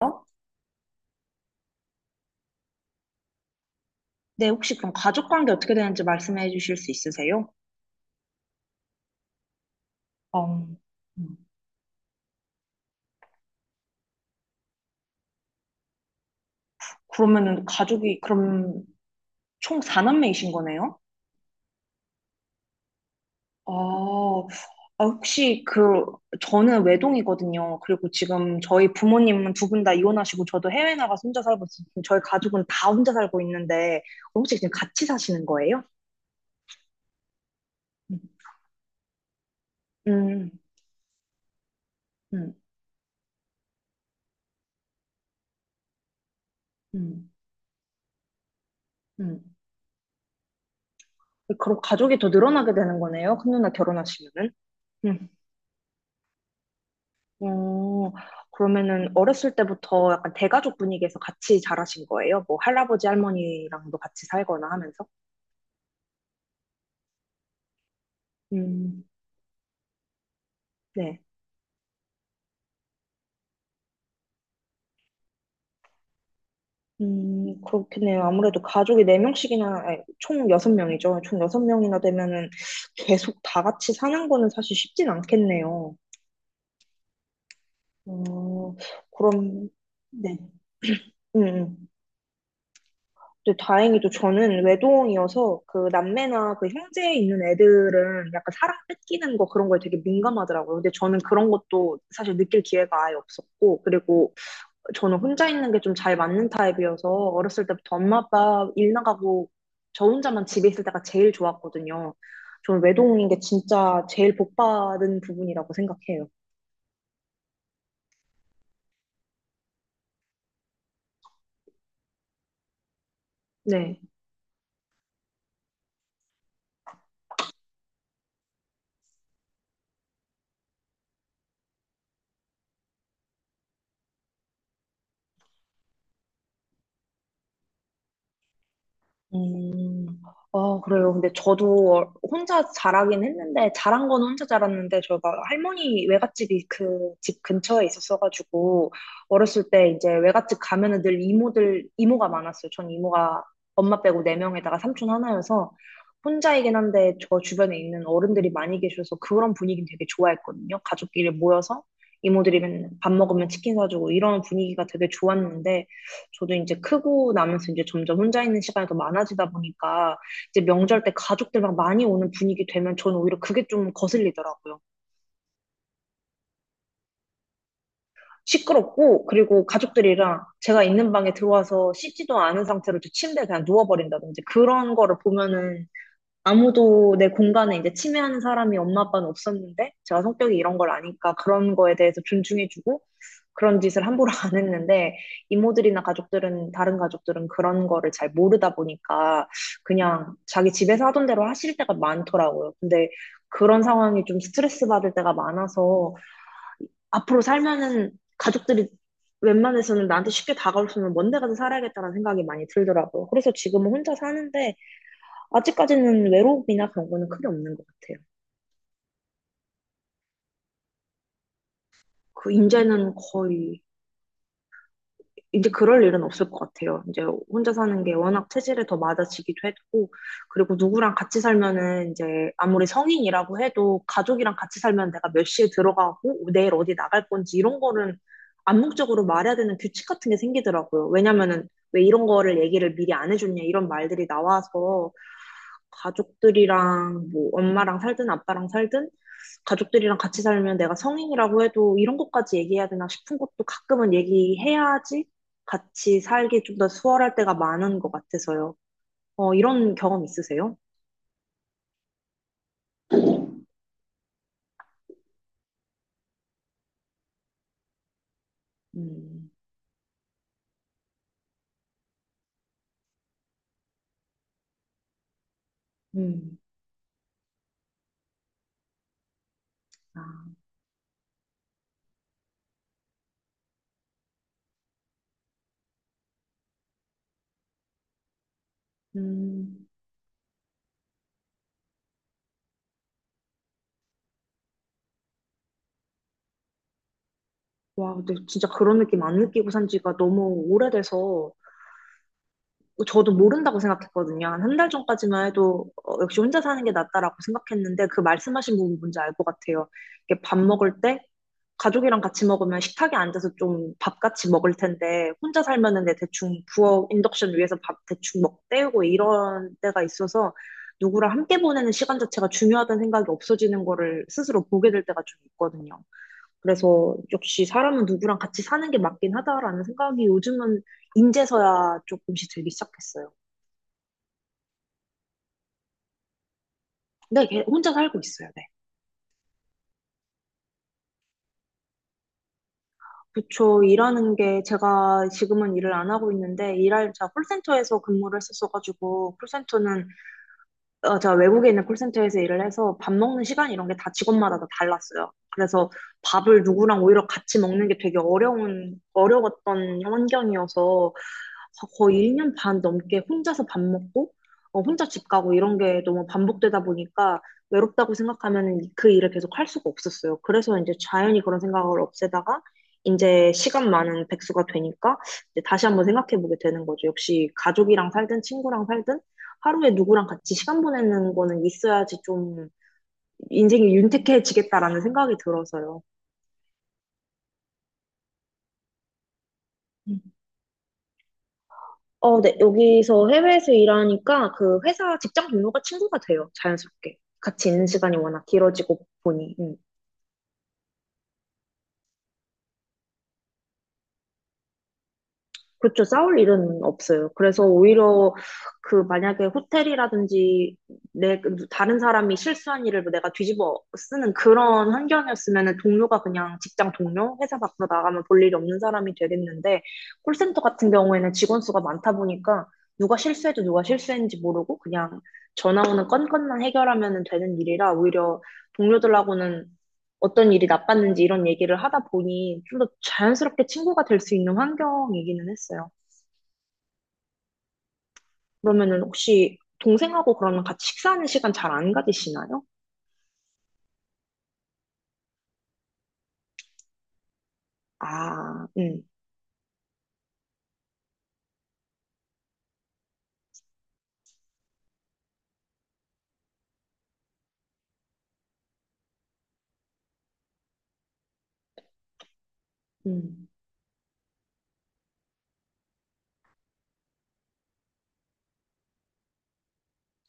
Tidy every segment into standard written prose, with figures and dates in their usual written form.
어? 네, 혹시 그럼 가족 관계 어떻게 되는지 말씀해 주실 수 있으세요? 어, 음. 그러면은 가족이 그럼 총 4남매이신 거네요? 아, 아, 혹시 그 저는 외동이거든요. 그리고 지금 저희 부모님은 두 분 다 이혼하시고 저도 해외 나가서 혼자 살고 있어요. 저희 가족은 다 혼자 살고 있는데 혹시 지금 같이 사시는 거예요? 음, 음, 음, 음. 그럼 가족이 더 늘어나게 되는 거네요. 큰 누나 결혼하시면은. 어, 그러면은 어렸을 때부터 약간 대가족 분위기에서 같이 자라신 거예요? 뭐 할아버지 할머니랑도 같이 살거나 하면서? 음, 네. 그렇겠네요. 아무래도 가족이 네명씩이나 아니, 총 여섯 명이죠총 여섯 명이나 되면은 계속 다 같이 사는 거는 사실 쉽진 않겠네요. 어, 그럼, 네. 음, 음. 근데 다행히도 저는 외동이어서 그 남매나 그 형제 있는 애들은 약간 사랑 뺏기는 거 그런 거에 되게 민감하더라고요. 근데 저는 그런 것도 사실 느낄 기회가 아예 없었고, 그리고 저는 혼자 있는 게 좀 잘 맞는 타입이어서 어렸을 때부터 엄마 아빠 일 나가고 저 혼자만 집에 있을 때가 제일 좋았거든요. 저는 외동인 게 진짜 제일 복 받은 부분이라고 생각해요. 네. 음, 아, 그래요. 근데 저도 혼자 자라긴 했는데, 자란 거는 혼자 자랐는데, 저가 할머니 외갓집이 그 집 근처에 있었어가지고, 어렸을 때 이제 외갓집 가면은 늘 이모들, 이모가 많았어요. 전 이모가 엄마 빼고 네 명에다가 삼촌 하나여서, 혼자이긴 한데, 저 주변에 있는 어른들이 많이 계셔서 그런 분위기는 되게 좋아했거든요. 가족끼리 모여서 이모들이 맨밥 먹으면 치킨 사주고 이런 분위기가 되게 좋았는데, 저도 이제 크고 나면서 이제 점점 혼자 있는 시간이 더 많아지다 보니까 이제 명절 때 가족들 막 많이 오는 분위기 되면 저는 오히려 그게 좀 거슬리더라고요. 시끄럽고 그리고 가족들이랑 제가 있는 방에 들어와서 씻지도 않은 상태로 제 침대에 그냥 누워버린다든지 그런 거를 보면은 아무도 내 공간에 이제 침해하는 사람이 엄마 아빠는 없었는데 제가 성격이 이런 걸 아니까 그런 거에 대해서 존중해주고 그런 짓을 함부로 안 했는데 이모들이나 가족들은 다른 가족들은 그런 거를 잘 모르다 보니까 그냥 자기 집에서 하던 대로 하실 때가 많더라고요. 근데 그런 상황이 좀 스트레스 받을 때가 많아서 앞으로 살면은 가족들이 웬만해서는 나한테 쉽게 다가올 수 있는 먼데 가서 살아야겠다는 생각이 많이 들더라고요. 그래서 지금은 혼자 사는데 아직까지는 외롭이나 그런 거는 크게 없는 것 같아요. 그 이제는 거의 이제 그럴 일은 없을 것 같아요. 이제 혼자 사는 게 워낙 체질에 더 맞아지기도 했고, 그리고 누구랑 같이 살면은 이제 아무리 성인이라고 해도 가족이랑 같이 살면 내가 몇 시에 들어가고 내일 어디 나갈 건지 이런 거는 암묵적으로 말해야 되는 규칙 같은 게 생기더라고요. 왜냐면은 왜 이런 거를 얘기를 미리 안 해줬냐 이런 말들이 나와서 가족들이랑 뭐 엄마랑 살든 아빠랑 살든 가족들이랑 같이 살면 내가 성인이라고 해도 이런 것까지 얘기해야 되나 싶은 것도 가끔은 얘기해야지 같이 살기 좀 더 수월할 때가 많은 것 같아서요. 어, 이런 경험 있으세요? 음, 음, 아, 음. 와, 근데 진짜 그런 느낌 안 느끼고 산 지가 너무 오래돼서 저도 모른다고 생각했거든요. 한 한 달 전까지만 해도 어, 역시 혼자 사는 게 낫다라고 생각했는데 그 말씀하신 부분 뭔지 알 것 같아요. 이게 밥 먹을 때 가족이랑 같이 먹으면 식탁에 앉아서 좀 밥 같이 먹을 텐데 혼자 살면은 내 대충 부엌 인덕션 위에서 밥 대충 먹 때우고 이런 때가 있어서 누구랑 함께 보내는 시간 자체가 중요하다는 생각이 없어지는 거를 스스로 보게 될 때가 좀 있거든요. 그래서 역시 사람은 누구랑 같이 사는 게 맞긴 하다라는 생각이 요즘은 인제서야 조금씩 들기 시작했어요. 근데 걔 혼자 살고 있어요, 네. 그쵸. 일하는 게 제가 지금은 일을 안 하고 있는데 일할 제가 콜센터에서 근무를 했었어가지고 콜센터는 어, 제가 외국에 있는 콜센터에서 일을 해서 밥 먹는 시간 이런 게 다 직원마다 다 달랐어요. 그래서 밥을 누구랑 오히려 같이 먹는 게 되게 어려웠던 환경이어서 거의 1년 반 넘게 혼자서 밥 먹고, 어, 혼자 집 가고 이런 게 너무 반복되다 보니까 외롭다고 생각하면 그 일을 계속 할 수가 없었어요. 그래서 이제 자연히 그런 생각을 없애다가 이제 시간 많은 백수가 되니까 이제 다시 한번 생각해 보게 되는 거죠. 역시 가족이랑 살든 친구랑 살든 하루에 누구랑 같이 시간 보내는 거는 있어야지 좀 인생이 윤택해지겠다라는 생각이 들어서요. 어, 네. 여기서 해외에서 일하니까 그 회사 직장 동료가 친구가 돼요. 자연스럽게. 같이 있는 시간이 워낙 길어지고 보니. 음. 그렇죠. 싸울 일은 없어요. 그래서 오히려 그 만약에 호텔이라든지 내 그 다른 사람이 실수한 일을 뭐 내가 뒤집어 쓰는 그런 환경이었으면은 동료가 그냥 직장 동료, 회사 밖으로 나가면 볼 일이 없는 사람이 되겠는데 콜센터 같은 경우에는 직원 수가 많다 보니까 누가 실수해도 누가 실수했는지 모르고 그냥 전화 오는 건건만 해결하면 되는 일이라 오히려 동료들하고는 어떤 일이 나빴는지 이런 얘기를 하다 보니 좀 더 자연스럽게 친구가 될 수 있는 환경이기는 했어요. 그러면은 혹시 동생하고 그러면 같이 식사하는 시간 잘 안 가지시나요? 아, 음.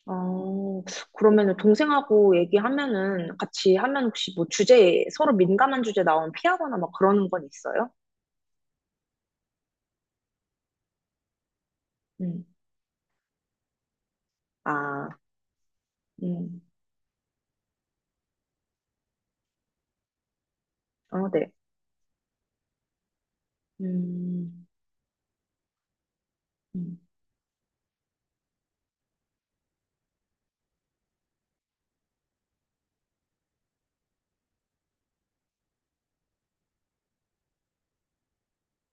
어, 그러면은 동생하고 얘기하면은 같이 하면 혹시 뭐 주제, 서로 민감한 주제 나오면 피하거나 막 그러는 건 있어요? 음, 아, 음, 어, 네. 음, 음.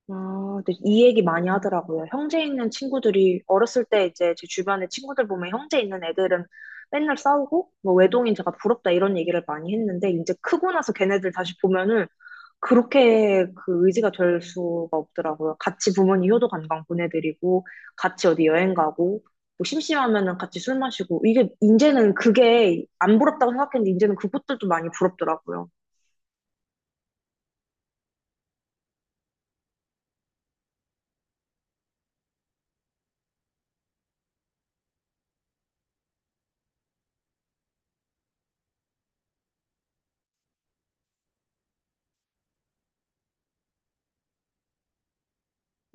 아, 근데 이 얘기 많이 하더라고요. 형제 있는 친구들이 어렸을 때 이제 제 주변에 친구들 보면 형제 있는 애들은 맨날 싸우고 뭐 외동인 제가 부럽다 이런 얘기를 많이 했는데 이제 크고 나서 걔네들 다시 보면은 그렇게 그 의지가 될 수가 없더라고요. 같이 부모님 효도 관광 보내드리고 같이 어디 여행 가고 뭐 심심하면은 같이 술 마시고 이게 이제는 그게 안 부럽다고 생각했는데 이제는 그것들도 많이 부럽더라고요.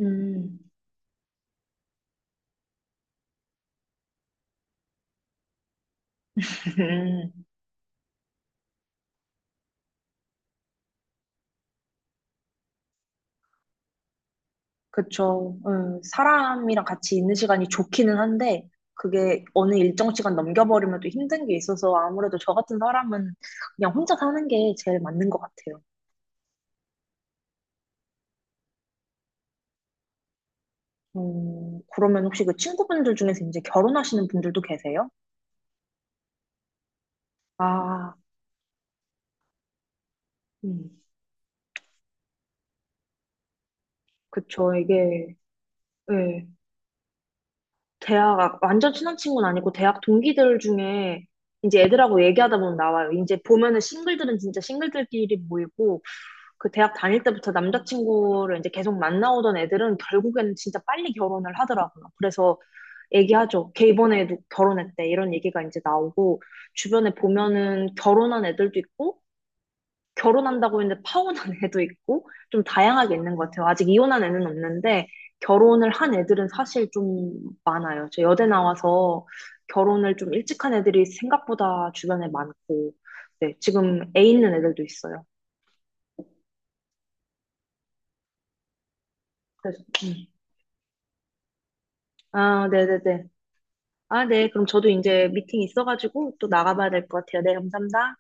음. 그쵸. 사람이랑 같이 있는 시간이 좋기는 한데, 그게 어느 일정 시간 넘겨버리면 또 힘든 게 있어서 아무래도 저 같은 사람은 그냥 혼자 사는 게 제일 맞는 것 같아요. 그러면 혹시 그 친구분들 중에서 이제 결혼하시는 분들도 계세요? 아, 음, 그쵸. 이게, 예, 대학, 아, 완전 친한 친구는 아니고 대학 동기들 중에 이제 애들하고 얘기하다 보면 나와요. 이제 보면은 싱글들은 진짜 싱글들끼리 모이고, 그 대학 다닐 때부터 남자친구를 이제 계속 만나오던 애들은 결국에는 진짜 빨리 결혼을 하더라고요. 그래서 얘기하죠. 걔 이번에 도 결혼했대. 이런 얘기가 이제 나오고, 주변에 보면은 결혼한 애들도 있고, 결혼한다고 했는데 파혼한 애도 있고, 좀 다양하게 있는 것 같아요. 아직 이혼한 애는 없는데, 결혼을 한 애들은 사실 좀 많아요. 저 여대 나와서 결혼을 좀 일찍 한 애들이 생각보다 주변에 많고, 네, 지금 애 있는 애들도 있어요. 그래서, 음. 아, 네네네. 아, 네. 그럼 저도 이제 미팅 있어가지고 또 나가봐야 될 것 같아요. 네, 감사합니다.